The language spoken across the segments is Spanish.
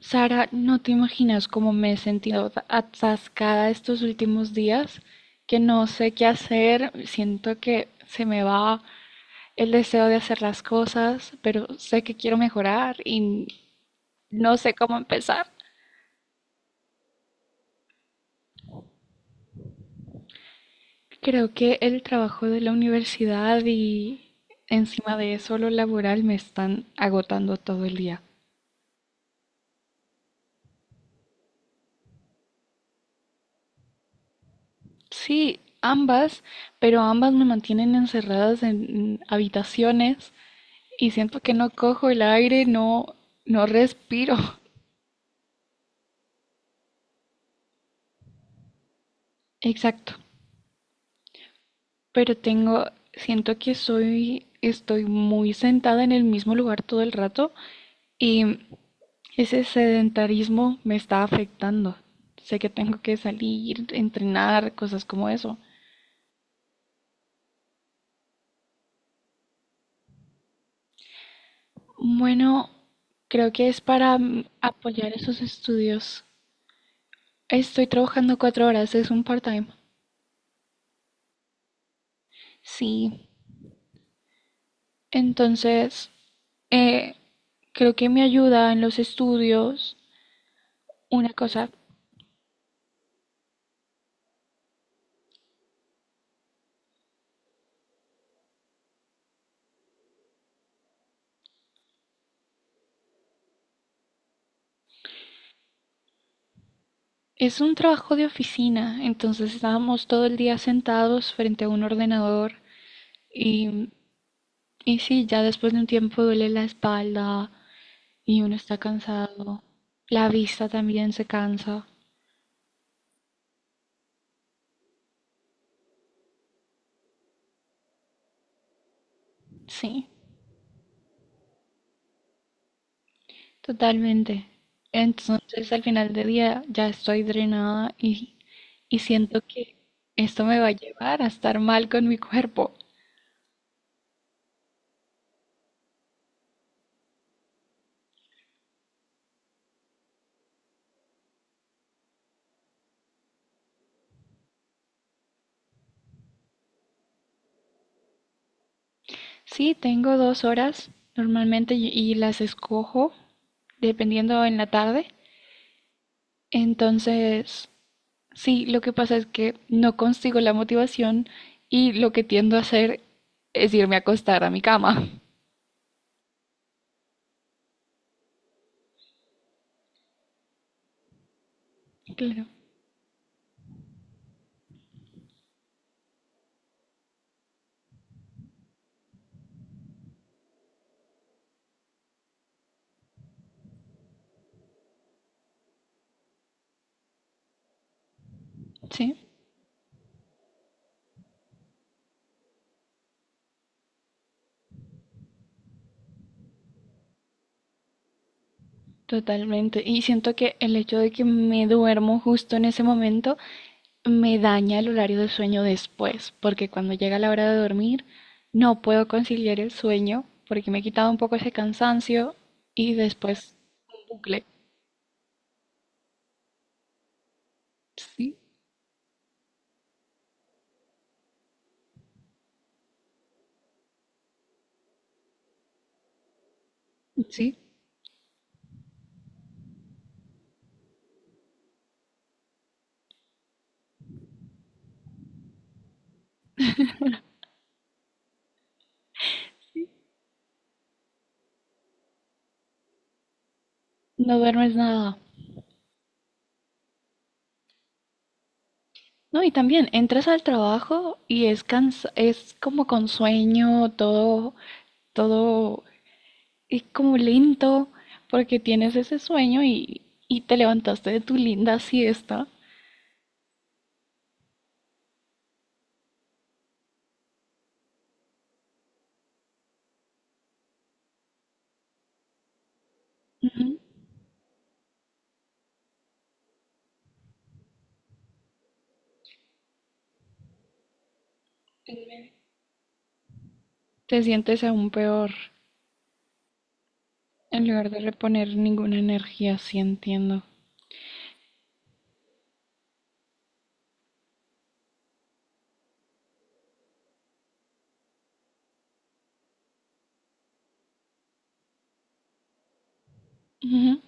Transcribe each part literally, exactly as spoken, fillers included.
Sara, no te imaginas cómo me he sentido atascada estos últimos días, que no sé qué hacer, siento que se me va el deseo de hacer las cosas, pero sé que quiero mejorar y no sé cómo empezar. Creo que el trabajo de la universidad y encima de eso lo laboral me están agotando todo el día. Sí, ambas, pero ambas me mantienen encerradas en habitaciones y siento que no cojo el aire, no, no respiro. Exacto. Pero tengo, siento que soy, estoy muy sentada en el mismo lugar todo el rato y ese sedentarismo me está afectando. Sé que tengo que salir, entrenar, cosas como eso. Bueno, creo que es para mm, apoyar esos estudios. Estoy trabajando cuatro horas, es un part-time. Sí. Entonces, eh, creo que me ayuda en los estudios. Una cosa, es un trabajo de oficina, entonces estábamos todo el día sentados frente a un ordenador y, y sí, ya después de un tiempo duele la espalda y uno está cansado. La vista también se cansa. Sí, totalmente. Entonces, al final del día ya estoy drenada y, y siento que esto me va a llevar a estar mal con mi cuerpo. Sí, tengo dos horas normalmente y y las escojo dependiendo en la tarde. Entonces, sí, lo que pasa es que no consigo la motivación y lo que tiendo a hacer es irme a acostar a mi cama. Claro, sí, totalmente. Y siento que el hecho de que me duermo justo en ese momento me daña el horario de sueño después, porque cuando llega la hora de dormir no puedo conciliar el sueño porque me he quitado un poco ese cansancio y después un bucle. Sí, sí, no duermes nada. No, y también entras al trabajo y es cansa- es como con sueño, todo, todo es como lento porque tienes ese sueño y, y te levantaste de tu linda siesta. Ujú. Te sientes aún peor. En lugar de reponer ninguna energía, sí entiendo. Ujú.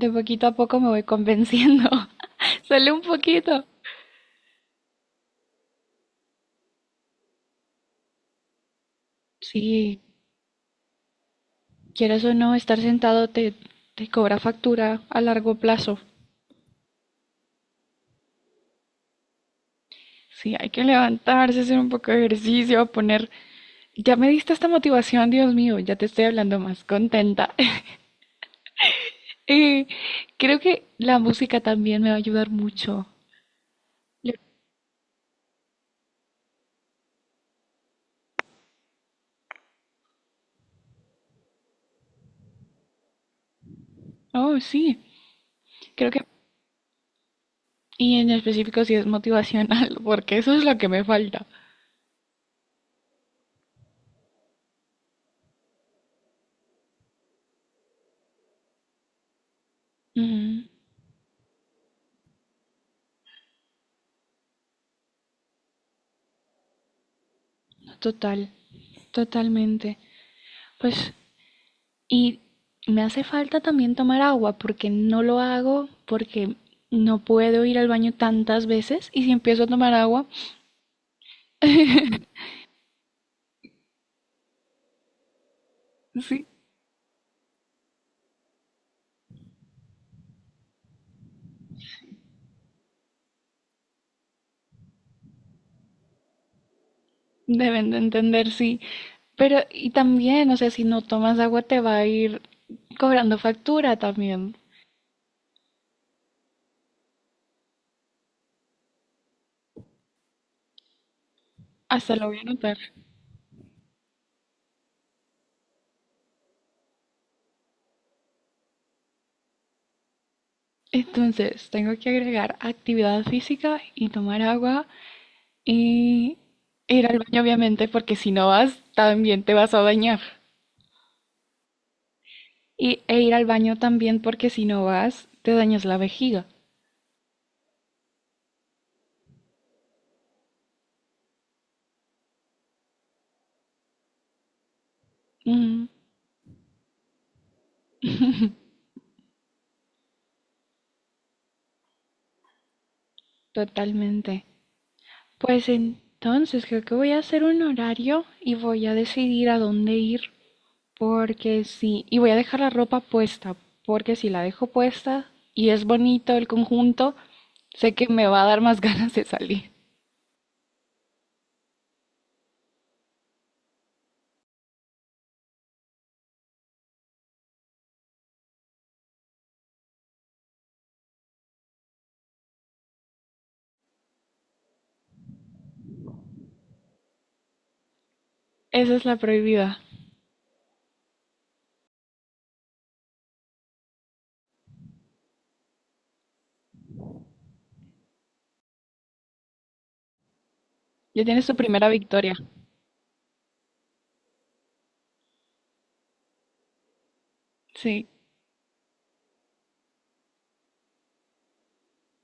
De poquito a poco me voy convenciendo. Solo un poquito. Sí, quieras o no, estar sentado te, te cobra factura a largo plazo. Sí, hay que levantarse, hacer un poco de ejercicio, poner. Ya me diste esta motivación, Dios mío, ya te estoy hablando más contenta. Eh, Creo que la música también me va a ayudar mucho. Yo- Oh, sí, creo que... Y en específico si es motivacional, porque eso es lo que me falta. Ujú. Total, Totalmente. Pues, y me hace falta también tomar agua porque no lo hago, porque no puedo ir al baño tantas veces y si empiezo a tomar agua, sí, deben de entender, sí. Pero, y también, o sea, si no tomas agua te va a ir cobrando factura también. Hasta lo voy a notar. Entonces, tengo que agregar actividad física y tomar agua y ir al baño, obviamente, porque si no vas, también te vas a bañar. Y, e ir al baño también porque si no vas, te dañas la vejiga. Ujú, totalmente. Pues entonces creo que voy a hacer un horario y voy a decidir a dónde ir porque sí, y voy a dejar la ropa puesta porque si la dejo puesta y es bonito el conjunto, sé que me va a dar más ganas de salir. Esa es la prohibida. Ya tienes tu primera victoria. Sí,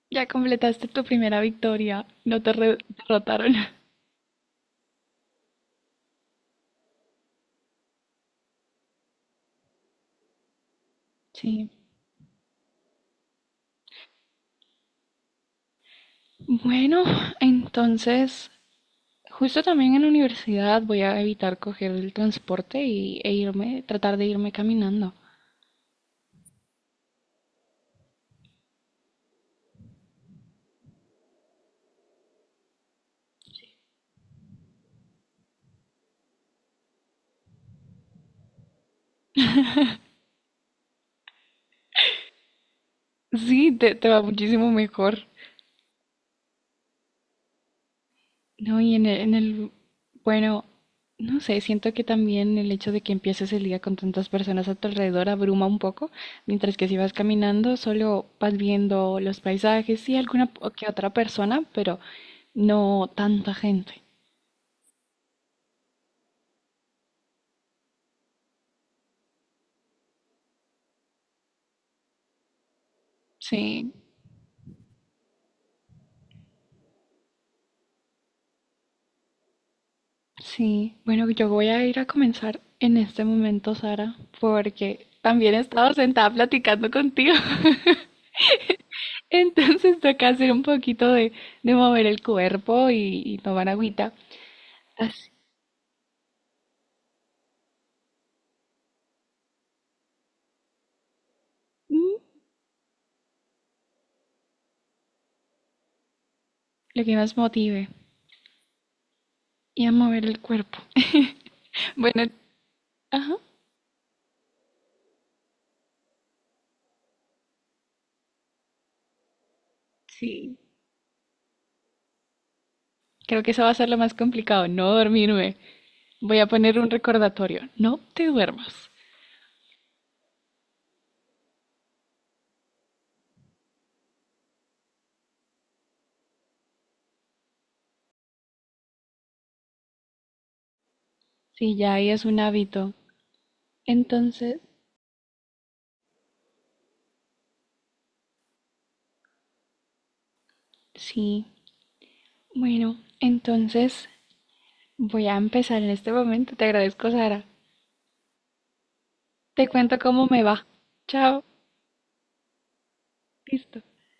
ya completaste tu primera victoria. No te re- derrotaron. Sí. Bueno, entonces, justo también en la universidad voy a evitar coger el transporte y, e irme, tratar de irme caminando. Sí, te, te va muchísimo mejor. No, y en el, en el, bueno, no sé, siento que también el hecho de que empieces el día con tantas personas a tu alrededor abruma un poco, mientras que si vas caminando solo vas viendo los paisajes y alguna o que otra persona, pero no tanta gente. Sí. Sí, bueno, yo voy a ir a comenzar en este momento, Sara, porque también he estado sentada platicando contigo. Entonces toca hacer un poquito de, de mover el cuerpo y, y tomar agüita. Así, mm, lo que más motive y a mover el cuerpo. Bueno, ajá, sí. Creo que eso va a ser lo más complicado, no dormirme. Voy a poner un recordatorio, no te duermas. Sí, ya ahí es un hábito. Entonces, sí, bueno, entonces voy a empezar en este momento. Te agradezco, Sara. Te cuento cómo me va. Chao. Listo.